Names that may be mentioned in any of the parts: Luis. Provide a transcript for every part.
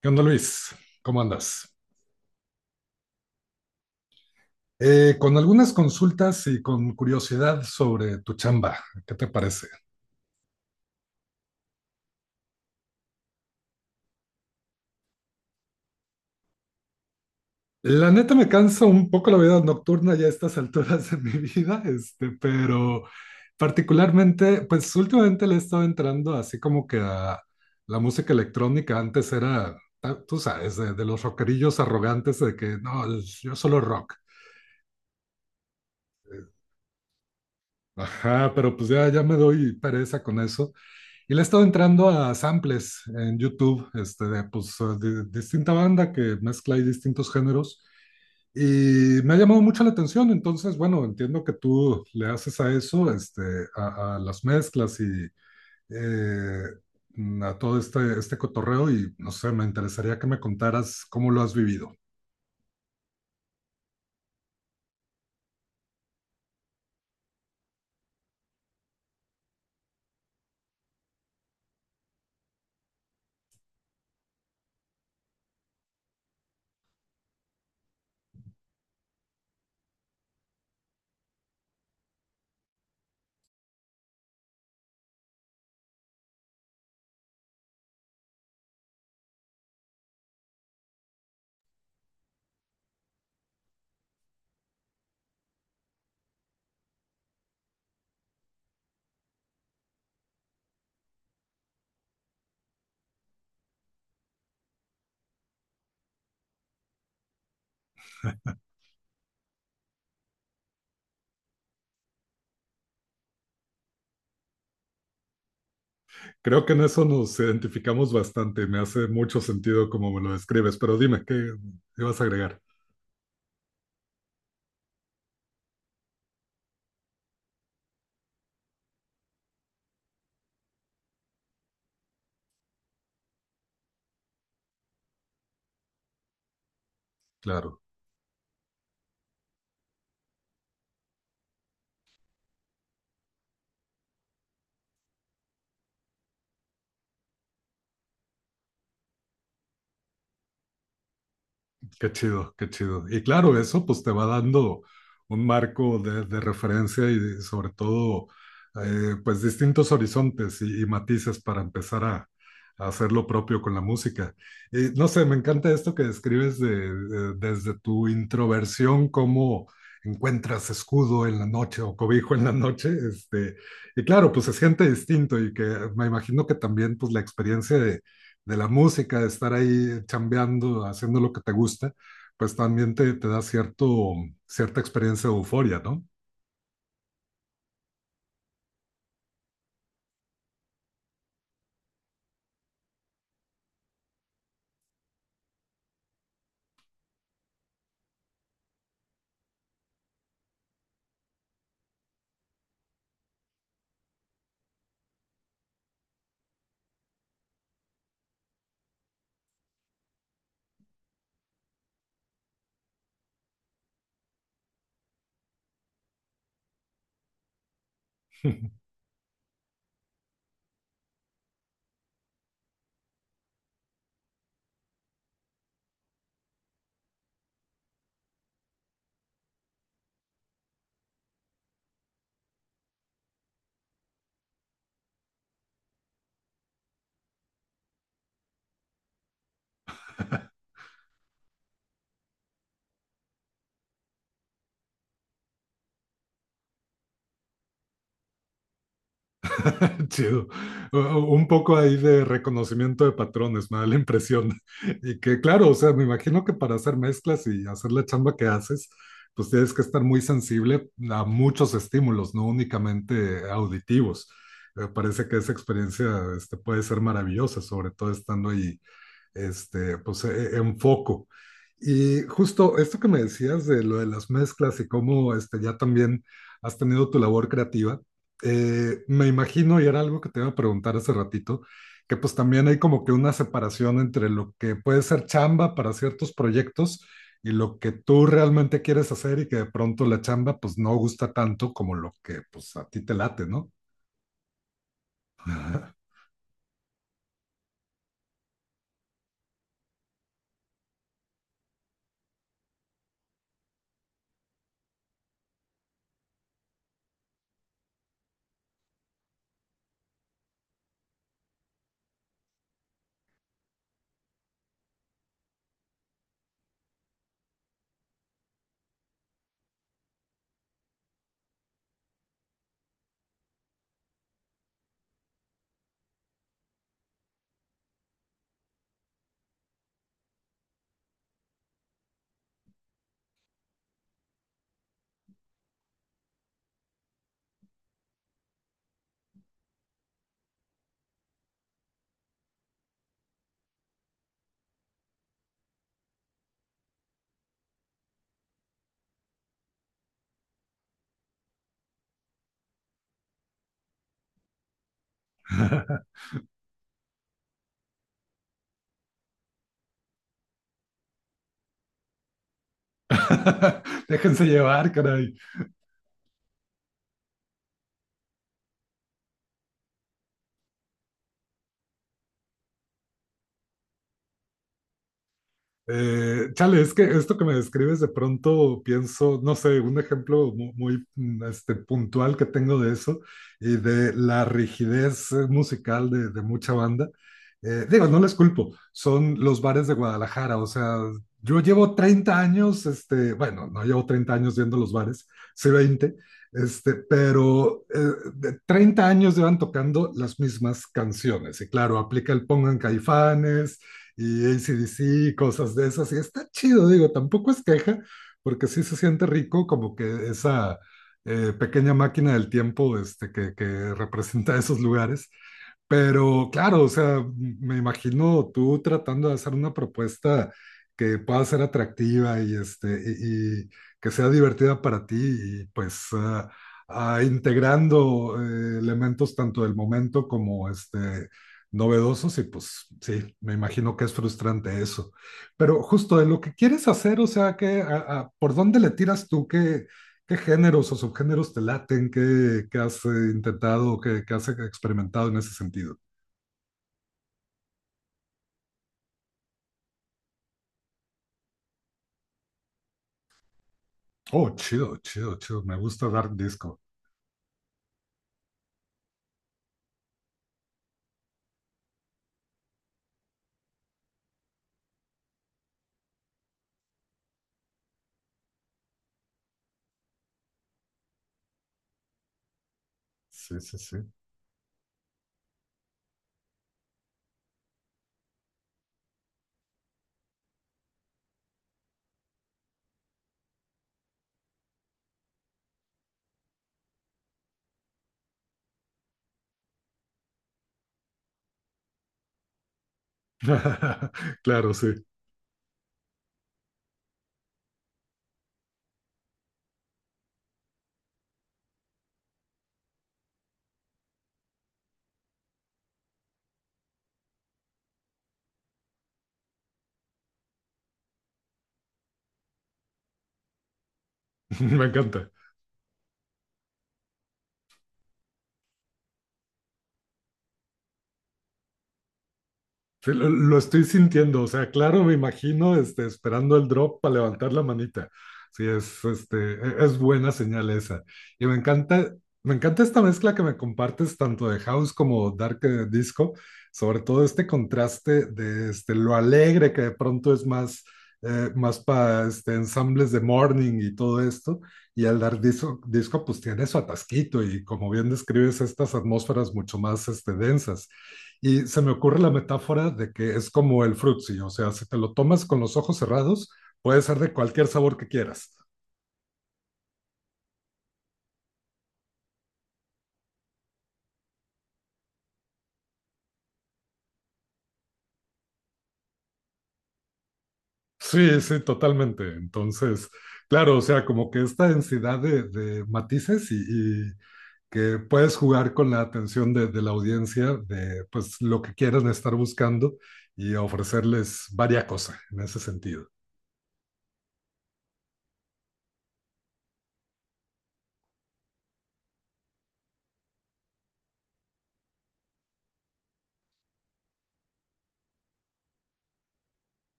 ¿Qué onda, Luis? ¿Cómo andas? Con algunas consultas y con curiosidad sobre tu chamba, ¿qué te parece? La neta me cansa un poco la vida nocturna ya a estas alturas de mi vida, pero particularmente, pues últimamente le he estado entrando así como que a la música electrónica. Antes era, tú sabes, de los rockerillos arrogantes de que no, yo solo rock. Ajá, pero pues ya, ya me doy pereza con eso. Y le he estado entrando a samples en YouTube, de, pues, de distinta banda que mezcla y distintos géneros. Y me ha llamado mucho la atención, entonces, bueno, entiendo que tú le haces a eso, a las mezclas y eh, a todo este cotorreo y, no sé, me interesaría que me contaras cómo lo has vivido. Creo que en eso nos identificamos bastante, me hace mucho sentido como me lo describes, pero dime, ¿qué ibas a agregar? Claro. Qué chido, qué chido. Y claro, eso pues te va dando un marco de referencia y sobre todo pues distintos horizontes y matices para empezar a hacer lo propio con la música. Y no sé, me encanta esto que describes de, desde tu introversión, cómo encuentras escudo en la noche o cobijo en la noche, y claro, pues es gente distinto y que me imagino que también pues la experiencia de la música, de estar ahí chambeando, haciendo lo que te gusta, pues también te da cierto, cierta experiencia de euforia, ¿no? Chido. U- Un poco ahí de reconocimiento de patrones, me da la impresión. Y que claro, o sea, me imagino que para hacer mezclas y hacer la chamba que haces, pues tienes que estar muy sensible a muchos estímulos, no únicamente auditivos. Me parece que esa experiencia puede ser maravillosa, sobre todo estando ahí pues enfoco. Y justo esto que me decías de lo de las mezclas y cómo ya también has tenido tu labor creativa, me imagino, y era algo que te iba a preguntar hace ratito, que pues también hay como que una separación entre lo que puede ser chamba para ciertos proyectos y lo que tú realmente quieres hacer y que de pronto la chamba pues no gusta tanto como lo que pues a ti te late, ¿no? Déjense llevar, caray. Chale, es que esto que me describes de pronto pienso, no sé, un ejemplo muy, puntual que tengo de eso y de la rigidez musical de mucha banda. Digo, no les culpo, son los bares de Guadalajara, o sea, yo llevo 30 años, bueno, no llevo 30 años viendo los bares, sí 20, pero de 30 años llevan tocando las mismas canciones y claro, aplica el pongan caifanes y AC/DC y cosas de esas. Y está chido, digo, tampoco es queja, porque sí se siente rico como que esa pequeña máquina del tiempo que representa esos lugares pero claro, o sea, me imagino tú tratando de hacer una propuesta que pueda ser atractiva y, y que sea divertida para ti y pues ah, integrando elementos tanto del momento como novedosos y pues sí, me imagino que es frustrante eso. Pero justo de lo que quieres hacer, o sea, que, ¿por dónde le tiras tú? ¿Qué géneros o subgéneros te laten? ¿Qué, qué has intentado? ¿Qué, qué has experimentado en ese sentido? Oh, chido, chido, chido. Me gusta dar disco. Sí, sí, sí. Claro, sí. Me encanta. Sí, lo estoy sintiendo, o sea, claro, me imagino esperando el drop para levantar la manita. Sí, es, es buena señal esa. Y me encanta esta mezcla que me compartes tanto de house como dark disco, sobre todo este contraste de lo alegre que de pronto es más, más para ensambles de morning y todo esto, y el dark disco, disco pues tiene su atasquito y como bien describes estas atmósferas mucho más densas. Y se me ocurre la metáfora de que es como el frutzi, o sea, si te lo tomas con los ojos cerrados, puede ser de cualquier sabor que quieras. Sí, sí, totalmente. Entonces, claro, o sea, como que esta densidad de matices y que puedes jugar con la atención de la audiencia de pues lo que quieran estar buscando y ofrecerles varias cosas en ese sentido.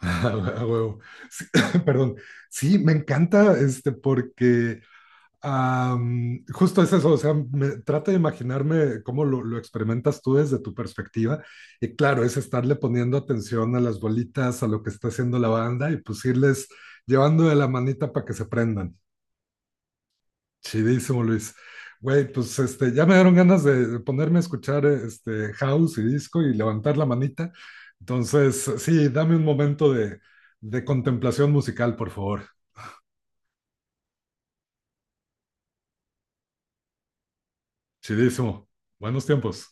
Ah, huevo. Sí, perdón. Sí, me encanta este porque justo es eso, o sea, trato de imaginarme cómo lo experimentas tú desde tu perspectiva. Y claro, es estarle poniendo atención a las bolitas, a lo que está haciendo la banda y pues irles llevando de la manita para que se prendan. Chidísimo, Luis. Güey, pues ya me dieron ganas de ponerme a escuchar este house y disco y levantar la manita. Entonces, sí, dame un momento de contemplación musical, por favor. Chidísimo. Buenos tiempos.